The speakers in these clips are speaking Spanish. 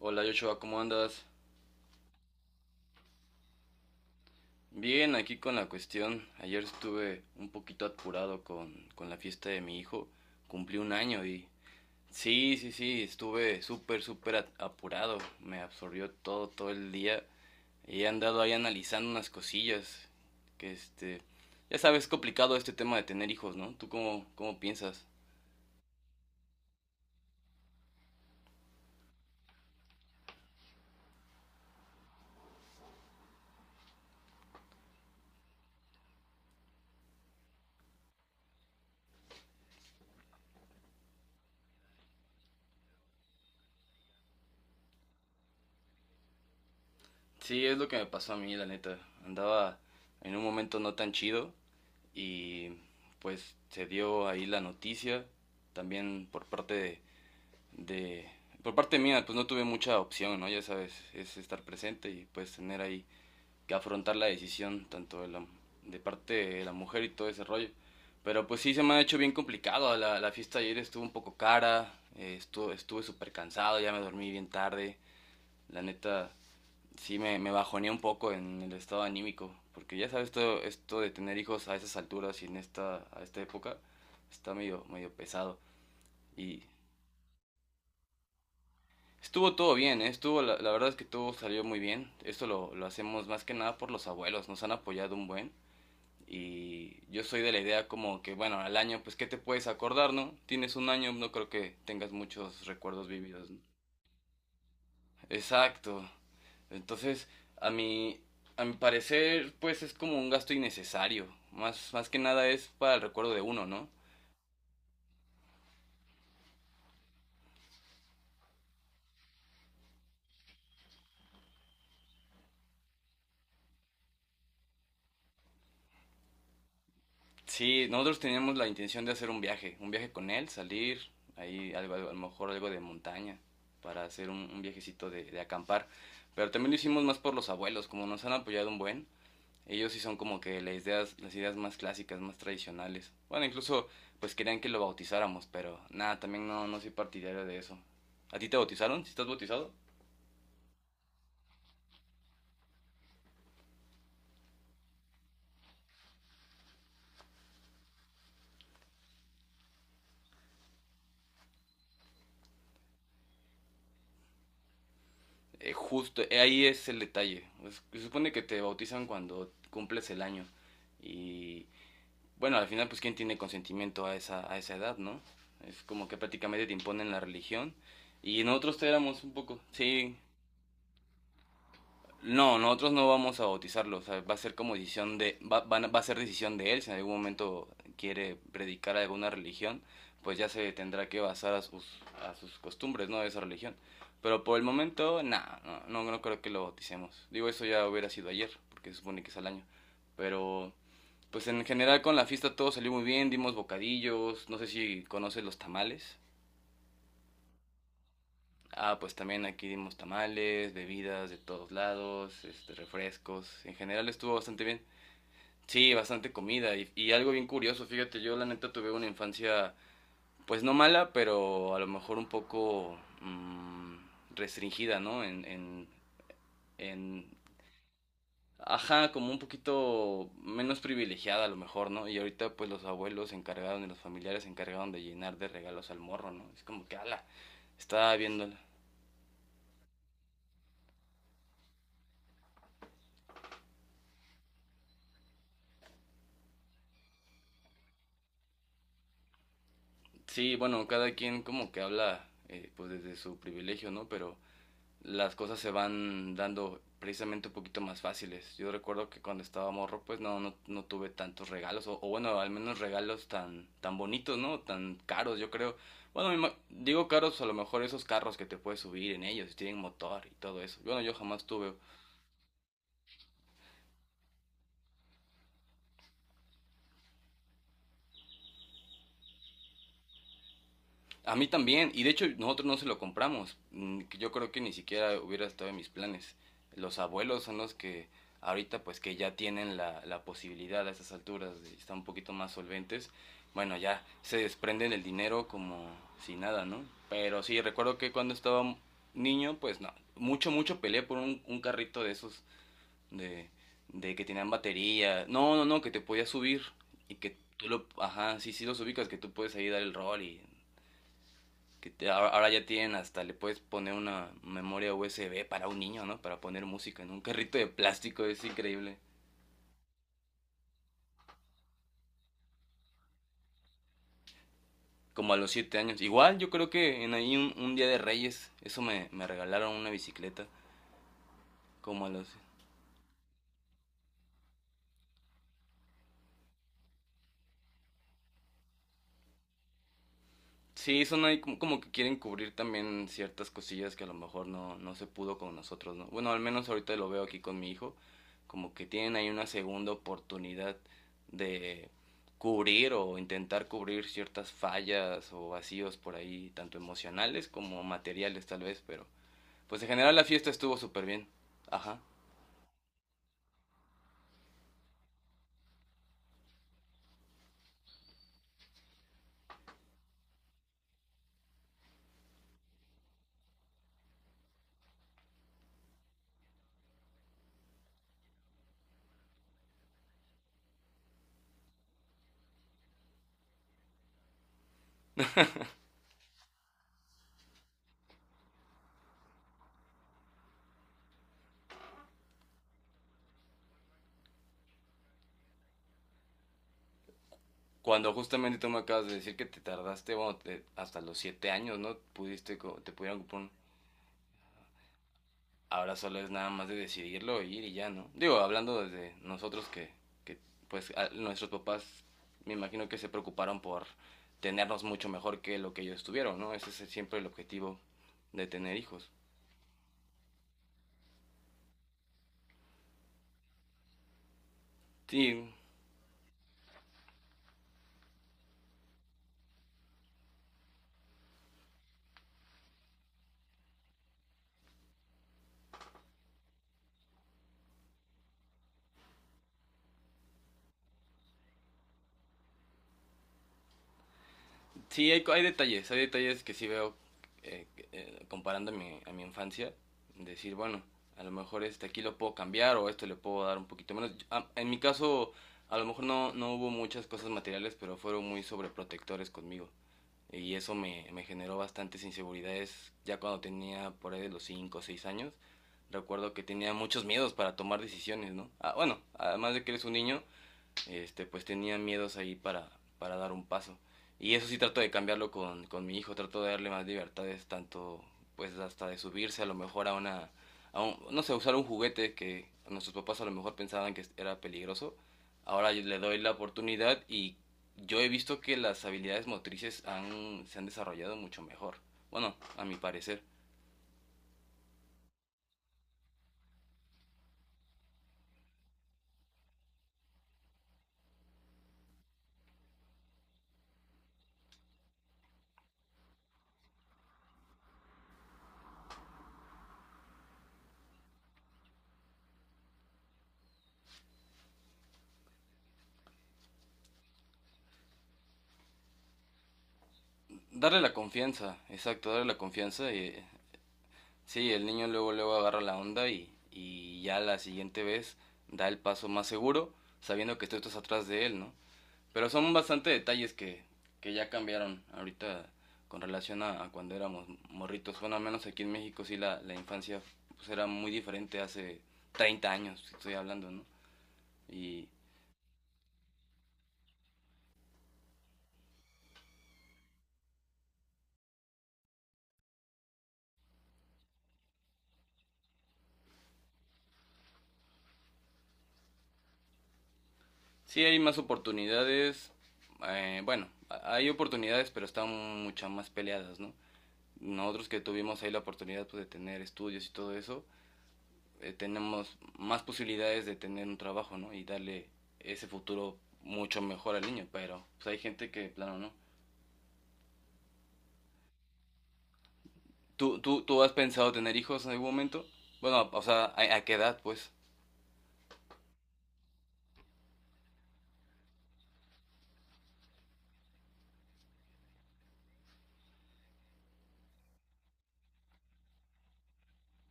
Hola Joshua, ¿cómo andas? Bien, aquí con la cuestión. Ayer estuve un poquito apurado con la fiesta de mi hijo. Cumplí un año y... Sí, sí, sí, estuve súper, apurado. Me absorbió todo, todo el día. Y he andado ahí analizando unas cosillas. Que ya sabes, es complicado este tema de tener hijos, ¿no? ¿Tú cómo, cómo piensas? Sí, es lo que me pasó a mí, la neta. Andaba en un momento no tan chido y pues se dio ahí la noticia también de- por parte mía, pues no tuve mucha opción, ¿no? Ya sabes, es estar presente y pues tener ahí que afrontar la decisión tanto de la de parte de la mujer y todo ese rollo. Pero pues sí se me ha hecho bien complicado. La fiesta ayer estuvo un poco cara, estuve súper cansado, ya me dormí bien tarde. La neta, sí me bajonea un poco en el estado anímico, porque ya sabes, todo esto de tener hijos a esas alturas y en a esta época está medio, medio pesado. Y estuvo todo bien, ¿eh? Estuvo, la verdad es que todo salió muy bien. Esto lo hacemos más que nada por los abuelos, nos han apoyado un buen. Y yo soy de la idea como que, bueno, al año, pues, ¿qué te puedes acordar, no? Tienes un año, no creo que tengas muchos recuerdos vividos, ¿no? Exacto. Entonces, a mi, a mi parecer, pues es como un gasto innecesario. Más, más que nada es para el recuerdo de uno, ¿no? Sí, nosotros teníamos la intención de hacer un viaje con él, salir, ahí a lo mejor algo de montaña, para hacer un viajecito de acampar. Pero también lo hicimos más por los abuelos, como nos han apoyado un buen. Ellos sí son como que las ideas más clásicas, más tradicionales. Bueno, incluso pues querían que lo bautizáramos, pero nada, también no, no soy partidario de eso. ¿A ti te bautizaron? ¿Si estás bautizado? Justo, ahí es el detalle. Pues, se supone que te bautizan cuando cumples el año. Y bueno, al final pues quién tiene consentimiento a a esa edad, ¿no? Es como que prácticamente te imponen la religión. Y nosotros te éramos un poco, sí. No, nosotros no vamos a bautizarlo, o sea, va a ser como decisión de, va, van va a ser decisión de él, si en algún momento quiere predicar alguna religión, pues ya se tendrá que basar a a sus costumbres, ¿no? De esa religión. Pero por el momento, nada, no creo que lo bauticemos. Digo, eso ya hubiera sido ayer, porque se supone que es al año. Pero, pues en general con la fiesta todo salió muy bien, dimos bocadillos, no sé si conoces los tamales. Ah, pues también aquí dimos tamales, bebidas de todos lados, este, refrescos. En general estuvo bastante bien. Sí, bastante comida y algo bien curioso. Fíjate, yo la neta tuve una infancia, pues no mala, pero a lo mejor un poco restringida, ¿no? En, ajá, como un poquito menos privilegiada a lo mejor, ¿no? Y ahorita pues los abuelos se encargaron y los familiares se encargaron de llenar de regalos al morro, ¿no? Es como que, ala, estaba viéndola. Sí, bueno, cada quien como que habla pues desde su privilegio, ¿no? Pero las cosas se van dando precisamente un poquito más fáciles. Yo recuerdo que cuando estaba morro pues no tuve tantos regalos, o bueno, al menos regalos tan, tan bonitos, ¿no? Tan caros, yo creo. Bueno, digo caros, a lo mejor esos carros que te puedes subir en ellos, y tienen motor y todo eso. Bueno, yo jamás tuve. A mí también, y de hecho nosotros no se lo compramos. Yo creo que ni siquiera hubiera estado en mis planes. Los abuelos son los que ahorita pues que ya tienen la posibilidad a esas alturas, de- están un poquito más solventes. Bueno, ya se desprenden el dinero como si nada, ¿no? Pero sí, recuerdo que cuando estaba niño, pues no, mucho, mucho peleé por un carrito de esos de, de que tenían batería. No, no, no, que te podías subir y que tú lo, ajá, sí, sí los ubicas, que tú puedes ahí dar el rol y ahora ya tienen hasta, le puedes poner una memoria USB para un niño, ¿no? Para poner música en un carrito de plástico, es increíble. Como a los 7 años. Igual yo creo que en ahí un día de Reyes, eso me regalaron una bicicleta. Como a los... Sí, son ahí como, como que quieren cubrir también ciertas cosillas que a lo mejor no, no se pudo con nosotros, ¿no? Bueno, al menos ahorita lo veo aquí con mi hijo, como que tienen ahí una segunda oportunidad de cubrir o intentar cubrir ciertas fallas o vacíos por ahí, tanto emocionales como materiales tal vez, pero pues en general la fiesta estuvo súper bien. Ajá. Cuando justamente tú me acabas de decir que te tardaste, hasta los 7 años, ¿no? Te pudieron comprar. Ahora solo es nada más de decidirlo, ir y ya, ¿no? Digo, hablando desde nosotros que pues nuestros papás me imagino que se preocuparon por tenernos mucho mejor que lo que ellos tuvieron, ¿no? Ese es siempre el objetivo de tener hijos. Sí, sí, hay, hay detalles que sí veo eh, comparando a a mi infancia, decir, bueno, a lo mejor este aquí lo puedo cambiar o esto le puedo dar un poquito menos. Ah, en mi caso, a lo mejor no, no hubo muchas cosas materiales, pero fueron muy sobreprotectores conmigo. Y eso me generó bastantes inseguridades ya cuando tenía por ahí de los 5 o 6 años. Recuerdo que tenía muchos miedos para tomar decisiones, ¿no? Ah, bueno, además de que eres un niño, este, pues tenía miedos ahí para dar un paso. Y eso sí trato de cambiarlo con mi hijo, trato de darle más libertades, tanto pues hasta de subirse a lo mejor a no sé, usar un juguete que nuestros papás a lo mejor pensaban que era peligroso. Ahora yo le doy la oportunidad y yo he visto que las habilidades motrices han, se han desarrollado mucho mejor. Bueno, a mi parecer. Darle la confianza, exacto, darle la confianza. Sí, el niño luego, luego agarra la onda y ya la siguiente vez da el paso más seguro, sabiendo que tú estás atrás de él, ¿no? Pero son bastante detalles que ya cambiaron ahorita con relación a cuando éramos morritos. Bueno, al menos aquí en México sí la infancia pues, era muy diferente hace 30 años, estoy hablando, ¿no? Y sí hay más oportunidades, bueno, hay oportunidades, pero están muchas más peleadas, ¿no? Nosotros que tuvimos ahí la oportunidad pues, de tener estudios y todo eso, tenemos más posibilidades de tener un trabajo, ¿no? Y darle ese futuro mucho mejor al niño, pero pues hay gente que, plano, ¿no? ¿Tú has pensado tener hijos en algún momento? Bueno, o sea, a qué edad, pues?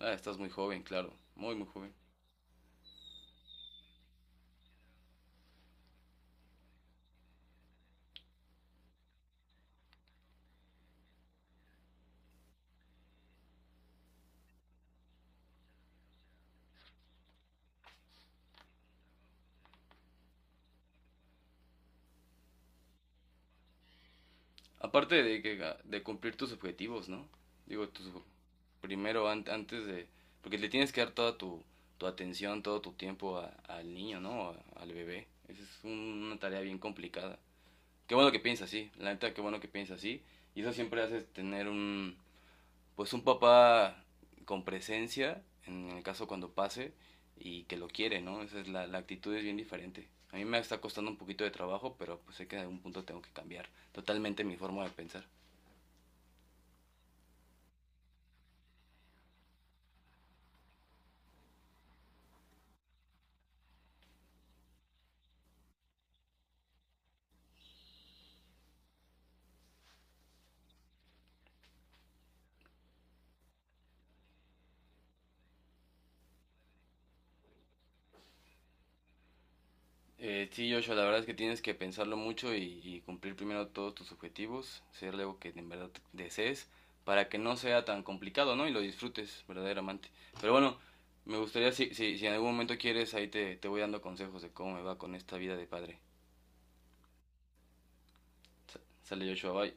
Ah, estás muy joven, claro, muy, muy joven. Aparte de, que, ah, de cumplir tus objetivos, ¿no? Digo, tus, primero antes de... Porque le tienes que dar toda tu atención, todo tu tiempo al niño, ¿no? Al bebé. Esa es una tarea bien complicada. Qué bueno que piensa así, la neta, qué bueno que piensa así. Y eso siempre hace tener un, pues un papá con presencia, en el caso cuando pase, y que lo quiere, ¿no? Esa es la actitud es bien diferente. A mí me está costando un poquito de trabajo, pero pues sé que en algún punto tengo que cambiar totalmente mi forma de pensar. Sí, Joshua, la verdad es que tienes que pensarlo mucho y cumplir primero todos tus objetivos, ser algo que en verdad desees, para que no sea tan complicado, ¿no? Y lo disfrutes verdaderamente. Pero bueno, me gustaría, si en algún momento quieres, ahí te voy dando consejos de cómo me va con esta vida de padre. Sale Joshua, bye.